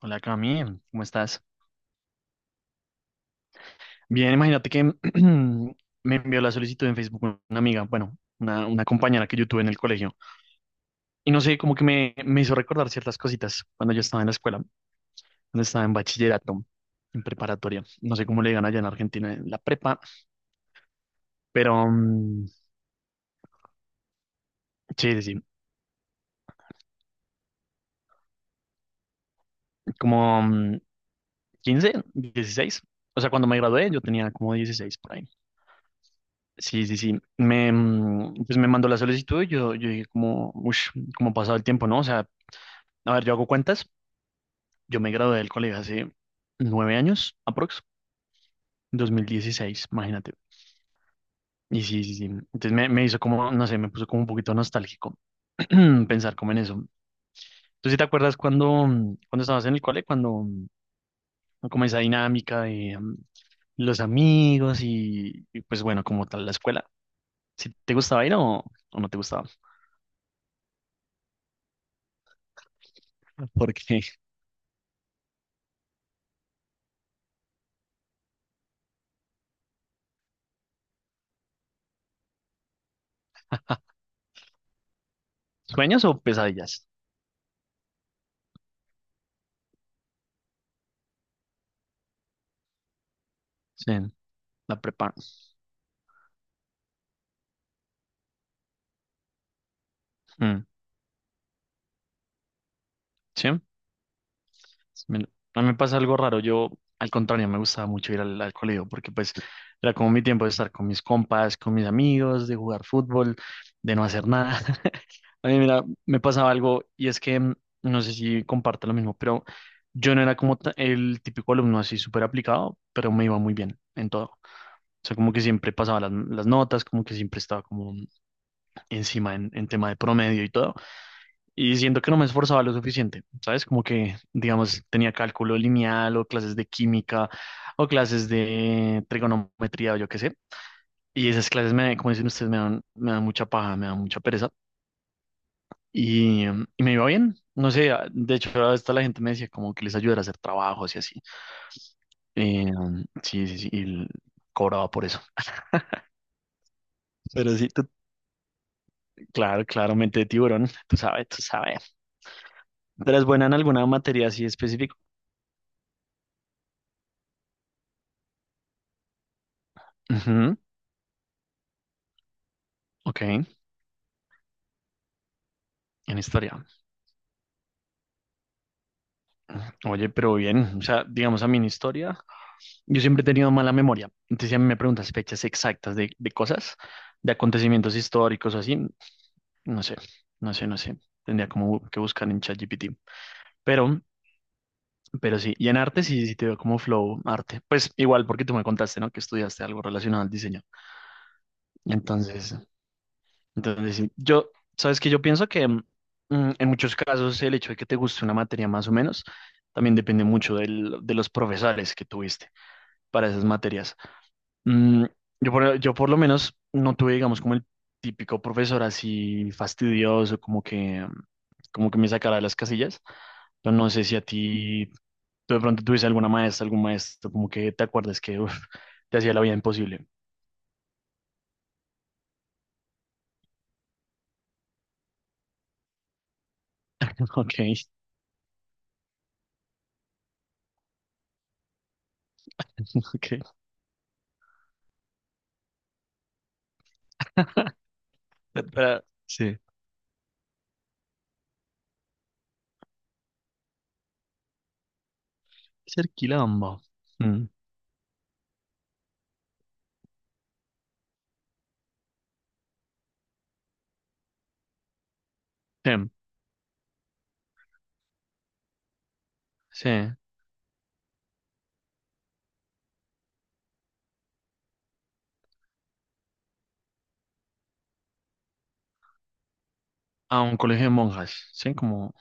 Hola Cami, ¿cómo estás? Bien, imagínate que me envió la solicitud en Facebook una amiga, bueno, una compañera que yo tuve en el colegio. Y no sé, como que me hizo recordar ciertas cositas cuando yo estaba en la escuela, cuando estaba en bachillerato, en preparatoria. No sé cómo le digan allá en Argentina, en la prepa, pero mm, sí, sí, sí, como 15, 16. O sea, cuando me gradué yo tenía como 16 por ahí. Sí, sí, sí. Pues me mandó la solicitud y yo dije como, uff, cómo ha pasado el tiempo, ¿no? O sea, a ver, yo hago cuentas. Yo me gradué del colegio hace 9 años, aprox, 2016, imagínate. Y sí, sí, sí. Entonces me hizo como, no sé, me puso como un poquito nostálgico pensar como en eso. ¿Tú sí te acuerdas cuando, cuando estabas en el cole, cuando como esa dinámica de los amigos y, pues bueno, como tal la escuela? ¿Si te gustaba ir o no te gustaba? Porque sueños o pesadillas. Sí, la prepa. Mm, ¿sí? Me- a mí me pasa algo raro. Yo, al contrario, me gustaba mucho ir al colegio porque pues era como mi tiempo de estar con mis compas, con mis amigos, de jugar fútbol, de no hacer nada. A mí, mira, me pasaba algo y es que no sé si comparte lo mismo, pero yo no era como el típico alumno así súper aplicado, pero me iba muy bien en todo. O sea, como que siempre pasaba las notas, como que siempre estaba como encima en tema de promedio y todo. Y siento que no me esforzaba lo suficiente, ¿sabes? Como que, digamos, tenía cálculo lineal o clases de química o clases de trigonometría o yo qué sé. Y esas clases, me, como dicen ustedes, me dan mucha paja, me dan mucha pereza. Y me iba bien, no sé, de hecho, hasta la gente me decía como que les ayudara a hacer trabajos y así. Eh, sí, sí, sí, y cobraba por eso. Pero sí, claro, claramente de tiburón, tú sabes, tú sabes. ¿Tú eres buena en alguna materia así específica? Ujú, ok, en historia. Oye, pero bien, o sea, digamos a mí en historia, yo siempre he tenido mala memoria. Entonces, si a mí me preguntas fechas exactas de cosas, de acontecimientos históricos o así, no sé, no sé, no sé. Tendría como que buscar en ChatGPT. Pero, pero sí, y en arte sí, sí te veo como flow arte. Pues igual, porque tú me contaste, ¿no? Que estudiaste algo relacionado al diseño. Entonces, Entonces, sí, sabes que yo pienso que en muchos casos el hecho de que te guste una materia más o menos también depende mucho de los profesores que tuviste para esas materias. Mm, yo por lo menos no tuve, digamos, como el típico profesor así fastidioso, como que me sacara de las casillas. Pero no sé si a ti, tú de pronto tuviste alguna maestra, algún maestro, como que te acuerdas que uf, te hacía la vida imposible. Ok, ok. Pero, sí. Ser quilombo. Mm, sí, sí. A un colegio de monjas. Sí, como.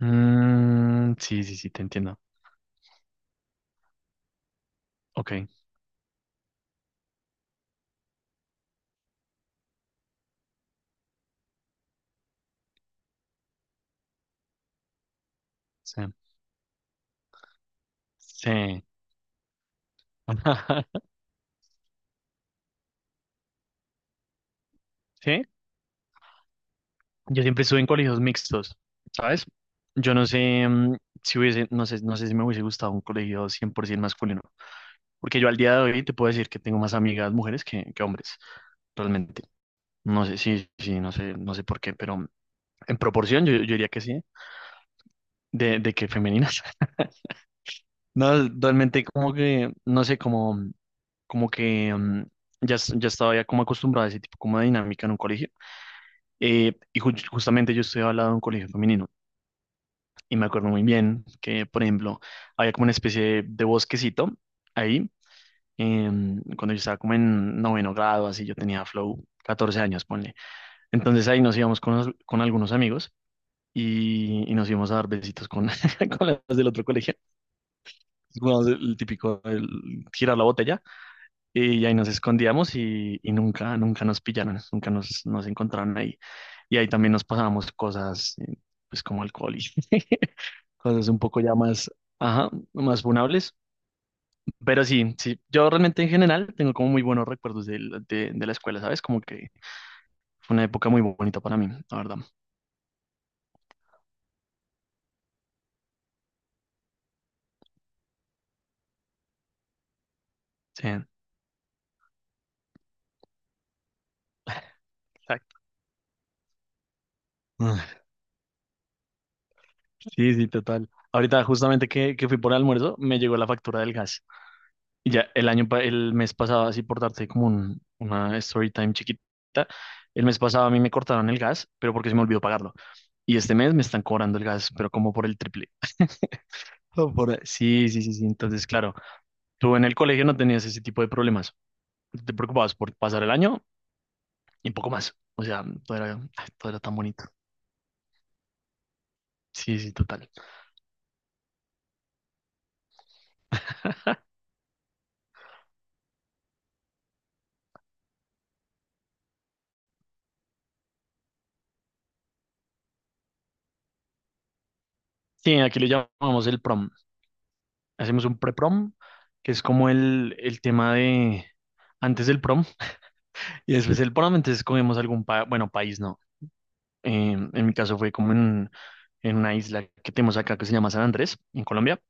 Mm, sí, sí, sí, te entiendo. Ok, sí. Sí. Sí, yo siempre estuve en colegios mixtos, ¿sabes? Yo no sé si hubiese, no sé, no sé si me hubiese gustado un colegio 100% masculino, porque yo al día de hoy te puedo decir que tengo más amigas mujeres que hombres, realmente. No sé, sí, sí, no sé, no sé por qué, pero en proporción yo diría que sí, de que femenina. No, realmente como que, no sé, como que ya, ya estaba ya como acostumbrado a ese tipo como de dinámica en un colegio. Y justamente yo estoy hablando de un colegio femenino y me acuerdo muy bien que, por ejemplo, había como una especie de bosquecito ahí. Cuando yo estaba como en noveno grado, así yo tenía flow 14 años, ponle. Entonces ahí nos íbamos con con algunos amigos y nos íbamos a dar besitos con, con las del otro colegio. Jugábamos el típico girar la botella. Y ahí nos escondíamos y nunca, nunca nos pillaron, nunca nos encontraron ahí. Y ahí también nos pasábamos cosas, pues como alcohol y cosas un poco ya más, ajá, más funables. Pero sí, sí, yo realmente en general tengo como muy buenos recuerdos de la escuela, ¿sabes? Como que fue una época muy bonita para mí, la verdad. Sí, exacto. Ah, sí, sí, total. Ahorita justamente que fui por el almuerzo, me llegó la factura del gas. Y ya el mes pasado, así por darte como una story time chiquita, el mes pasado a mí me cortaron el gas, pero porque se me olvidó pagarlo. Y este mes me están cobrando el gas, pero como por el triple. Oh, sí, sí, sí, sí. Entonces, claro, tú en el colegio no tenías ese tipo de problemas. Te preocupabas por pasar el año y poco más. O sea, ay, todo era tan bonito. Sí, sí, total. Sí, aquí le llamamos el prom. Hacemos un pre-prom, que es como el tema de antes del prom. Y después él probablemente escogemos algún país, bueno, país no. En mi caso fue como en una isla que tenemos acá que se llama San Andrés, en Colombia.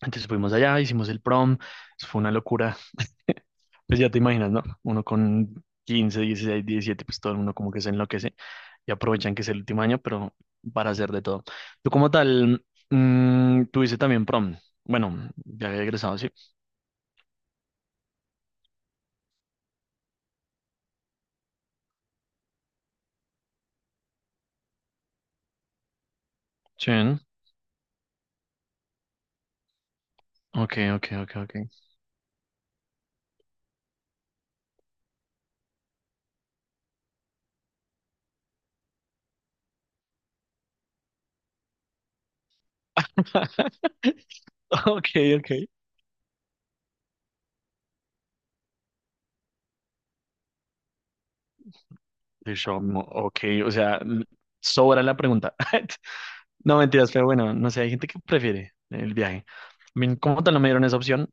Entonces fuimos allá, hicimos el prom, eso fue una locura. Pues ya te imaginas, ¿no? Uno con 15, 16, 17 pues todo el mundo como que se enloquece y aprovechan que es el último año, pero para hacer de todo. Tú como tal, tuviste también prom. Bueno, ya había egresado, sí. Chen. Ok, ok, ok, ok. Ok, ok. Bishomo, ok, o sea, sobra la pregunta. No mentiras, pero bueno, no sé, hay gente que prefiere el viaje. A mí como tal no me dieron esa opción,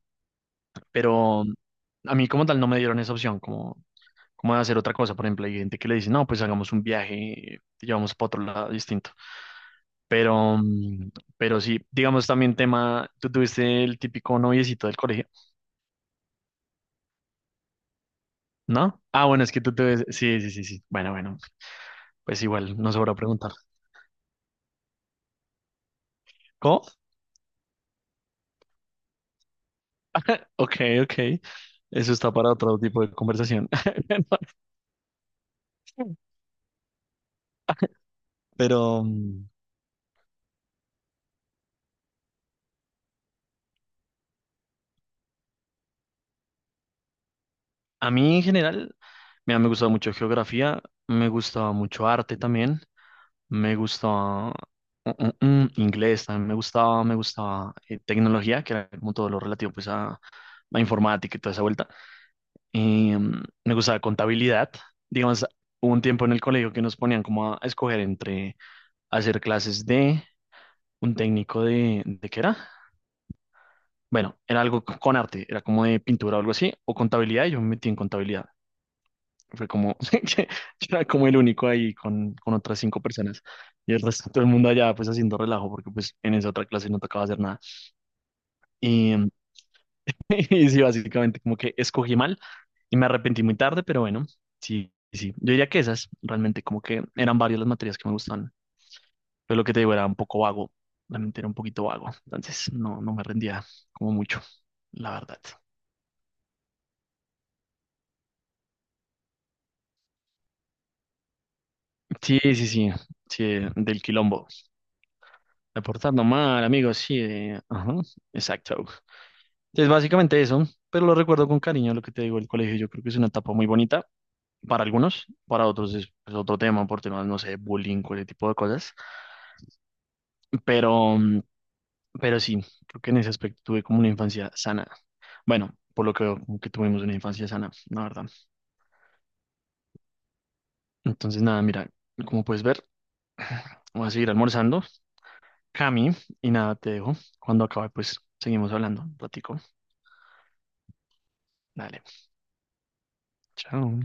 pero a mí como tal no me dieron esa opción, como de hacer otra cosa. Por ejemplo, hay gente que le dice, no, pues hagamos un viaje, te llevamos para otro lado distinto. Pero, mm, pero sí, digamos también tema, tú tuviste el típico noviecito del colegio, ¿no? Ah, bueno, es que tú tuviste, sí, sí, sí, sí. Bueno, bueno, pues igual, no sobra preguntar. ¿Cómo? Ok, ok. Eso está para otro tipo de conversación. Pero a mí en general, mira, me gustaba mucho geografía, me gustaba mucho arte también, me gustaba mm, inglés también, me gustaba tecnología, que era como todo lo relativo pues a la informática y toda esa vuelta. Y, me gustaba contabilidad. Digamos, hubo un tiempo en el colegio que nos ponían como a escoger entre hacer clases de un técnico ¿de qué era? Bueno, era algo con arte, era como de pintura o algo así, o contabilidad, y yo me metí en contabilidad. Fue como, yo era como el único ahí con otras cinco personas, y el resto todo el mundo allá pues haciendo relajo, porque pues en esa otra clase no tocaba hacer nada. Y, y sí, básicamente como que escogí mal y me arrepentí muy tarde, pero bueno, sí, sí. Yo diría que esas realmente como que eran varias las materias que me gustaban, pero lo que te digo era un poco vago, realmente era un poquito vago, entonces no, no me rendía como mucho, la verdad. Sí, sí, sí, sí, del quilombo. Reportando mal, amigos, sí, ajá, exacto. Es básicamente eso, pero lo recuerdo con cariño lo que te digo, el colegio yo creo que es una etapa muy bonita para algunos, para otros es otro tema por temas, no sé, bullying, o ese tipo de cosas, pero, mm, pero sí, creo que en ese aspecto tuve como una infancia sana. Bueno, por lo que veo, como que tuvimos una infancia sana, la verdad. Entonces, nada, mira, como puedes ver, voy a seguir almorzando, Cami, y nada, te dejo. Cuando acabe, pues seguimos hablando un ratico. Dale, chao.